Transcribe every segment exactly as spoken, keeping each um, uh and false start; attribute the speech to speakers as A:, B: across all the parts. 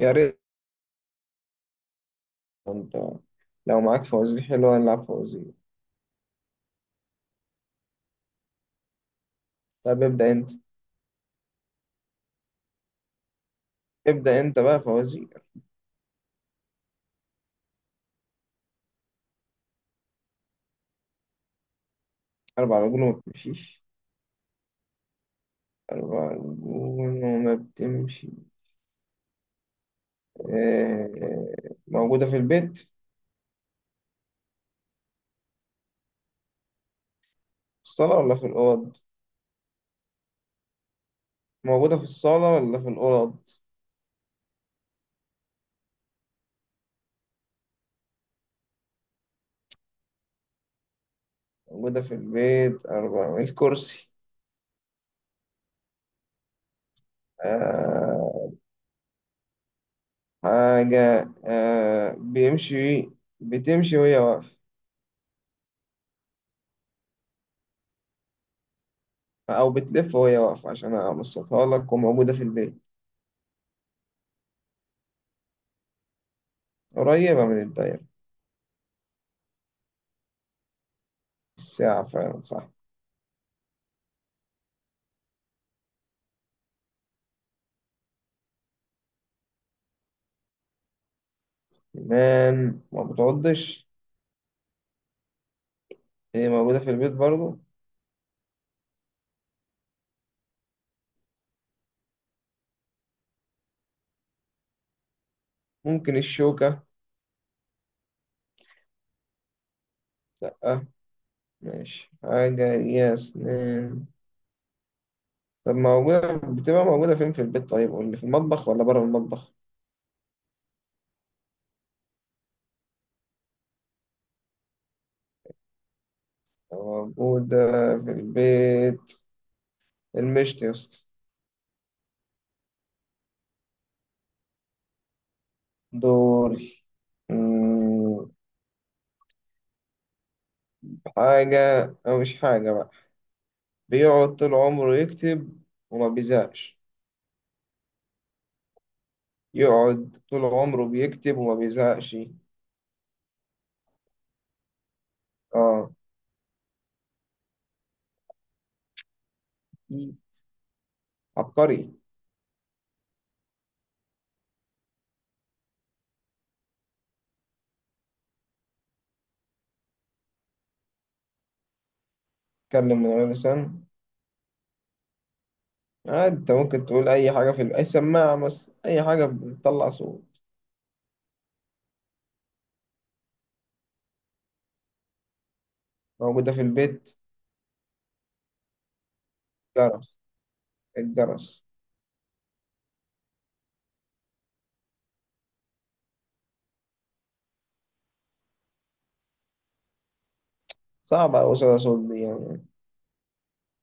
A: يا ريت انت. لو معاك فوازير حلوة نلعب فوازير. طب ابدأ انت. ابدأ انت بقى فوازير. أربع رجول وما بتمشيش؟ أربع رجول وما بتمشي. آه، موجودة في البيت. في الصالة ولا في الأوض؟ موجودة في الصالة ولا في الأوض؟ موجودة في البيت أربع. الكرسي. آه، حاجة آه، بيمشي بتمشي وهي واقفة. أو بتلف وهي واقفة عشان أبسطها لك. وموجودة في البيت قريبة من الدايرة. الساعة فعلا صح. كمان ما بتعضش. هي موجودة في البيت برضو. ممكن الشوكة. لأ. ماشي، حاجة ليها أسنان. طب موجودة بتبقى موجودة فين في البيت؟ طيب قول لي في المطبخ ولا بره المطبخ؟ موجودة في البيت. المشط يا اسطى. دوري. مم، حاجة، أو مش حاجة بقى، بيقعد طول عمره يكتب وما بيزهقش. يقعد طول عمره بيكتب وما بيزهقش. اه، عبقري. اتكلم من غير لسان. آه، انت ممكن تقول اي حاجه في الب... اي سماعه مثلا، اي حاجه بتطلع صوت. موجوده في البيت. جرس. الجرس. صعب على وصول صوت دي يعني.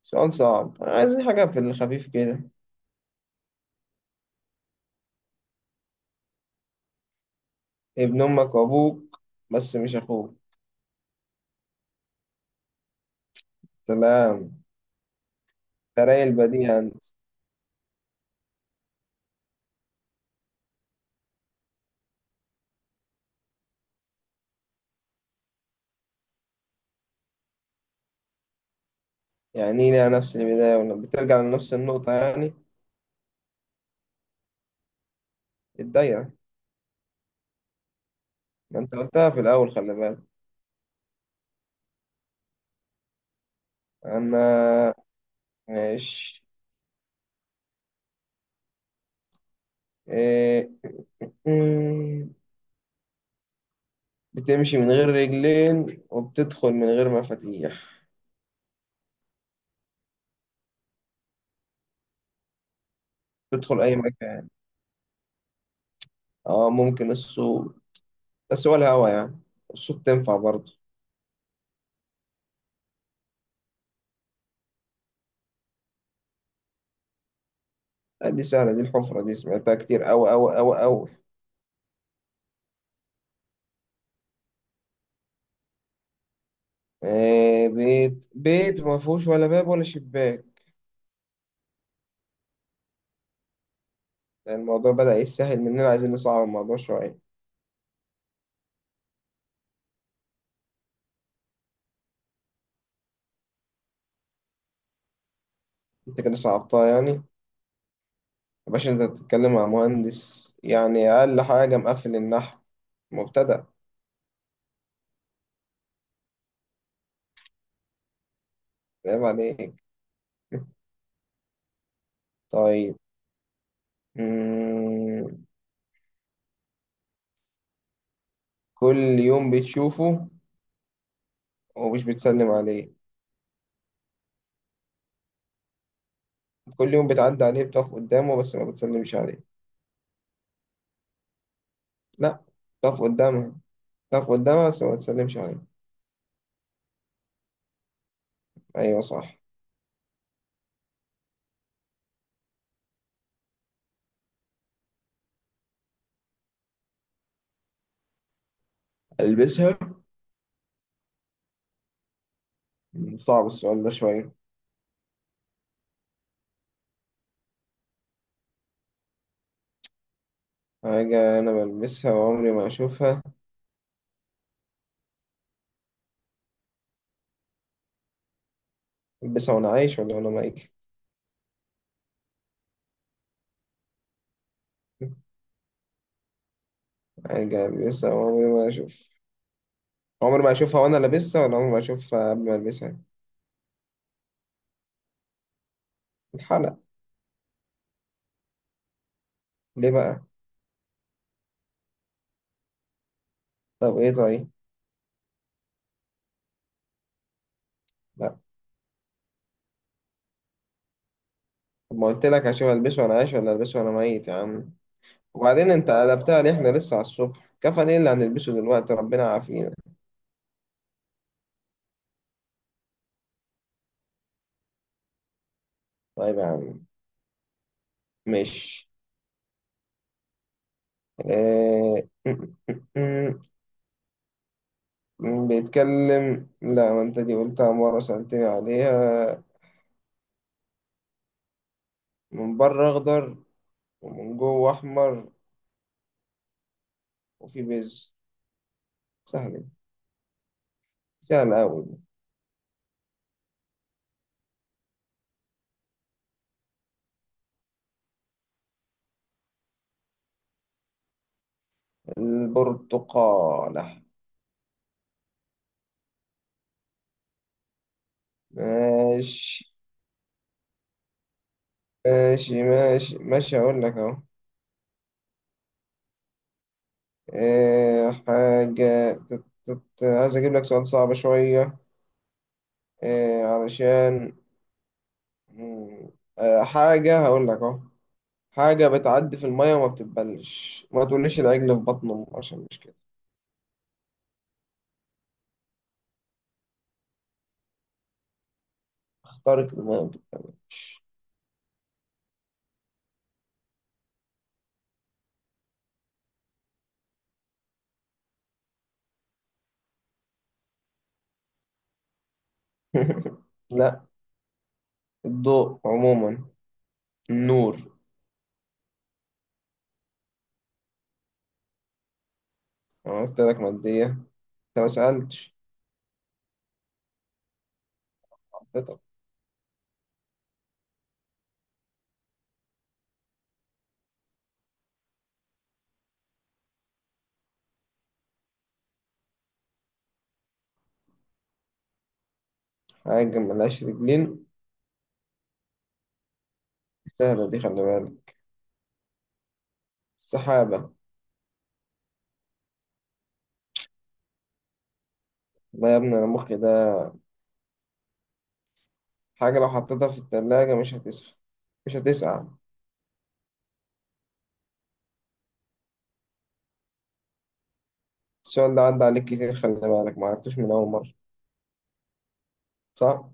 A: سؤال صعب. عايزين حاجه في الخفيف كده. ابن امك وابوك بس مش اخوك. سلام. تراي البديهة انت. يعني إيه ليها نفس البدايه ولما بترجع لنفس النقطه يعني؟ الدايره. ما انت قلتها في الاول خلي بالك. انا. ماشي. إيه. بتمشي من غير رجلين وبتدخل من غير مفاتيح. بتدخل أي مكان. اه، ممكن السوق. بس هو الهوا يعني. الصوت تنفع برضه؟ آه، دي سهلة. دي الحفرة. دي سمعتها كتير أوي أوي أوي أوي. آه بيت بيت ما فيهوش ولا باب ولا شباك. يعني الموضوع بدأ يسهل مننا. عايزين نصعب الموضوع شوية. أنت كده صعبتها يعني يا باشا. أنت بتتكلم مع مهندس يعني. أقل حاجة مقفل النحو مبتدأ. عيب عليك. طيب. مم. كل يوم بتشوفه ومش بتسلم عليه. كل يوم بتعدي عليه. بتقف قدامه بس ما بتسلمش عليه. لا، بتقف قدامها. بتقف قدامها بس ما بتسلمش عليه. أيوة صح. ألبسها؟ صعب السؤال ده شوية. حاجة أنا بلبسها وعمري ما أشوفها. ألبسها وأنا عايش ولا وأنا ميت؟ حاجة ألبسها وعمري ما أشوف. عمري ما أشوفها وأنا لابسها ولا عمري ما أشوفها قبل ما ألبسها؟ الحلق. ليه بقى؟ طب إيه طيب؟ لا. طب ما قلت لك أشوف ألبسه وأنا عايش ولا ألبسه وأنا ميت يا عم. وبعدين انت قلبتها ليه؟ احنا لسه على الصبح كفن، ايه اللي هنلبسه دلوقتي؟ ربنا عافينا. طيب يا عم. ماشي. اه... بيتكلم. لا، ما انت دي قلتها مرة سألتني عليها. من بره اخضر ومن جوه احمر وفي بيز. سهل. سهل اوي. البرتقالة. ماشي، ماشي، ماشي، ماشي، هقول لك اهو. اه... حاجة تت... تت... عايز اجيب لك سؤال صعب شوية. إيه علشان. مم، آه، حاجة هقول لك اهو. حاجة بتعدي في المية وما بتتبلش. ما تقوليش العجل في بطن أمه عشان مش كده. اخترق المية وما بتت- لا، الضوء عموما. النور. أنا قلت لك مادية. أنت ما سألتش. حطيتك. حاجة ملهاش رجلين. سهلة دي خلي بالك. السحابة. لا يا ابني، أنا مخي ده. حاجة لو حطيتها في التلاجة مش هتسخن مش هتسقع. السؤال ده عدى عليك كتير خلي بالك. معرفتوش من أول مرة، صح؟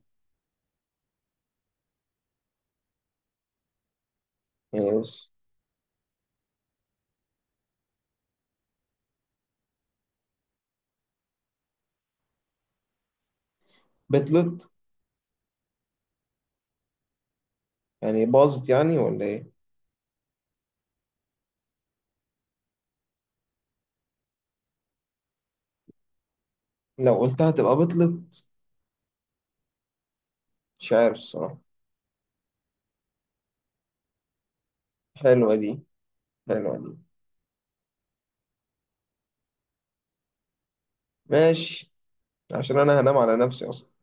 A: يس. بطلت يعني باظت يعني ولا ايه؟ لو قلتها تبقى بطلت. مش عارف الصراحة. حلوة دي. حلوة دي. ماشي. عشان انا هنام على نفسي اصلا.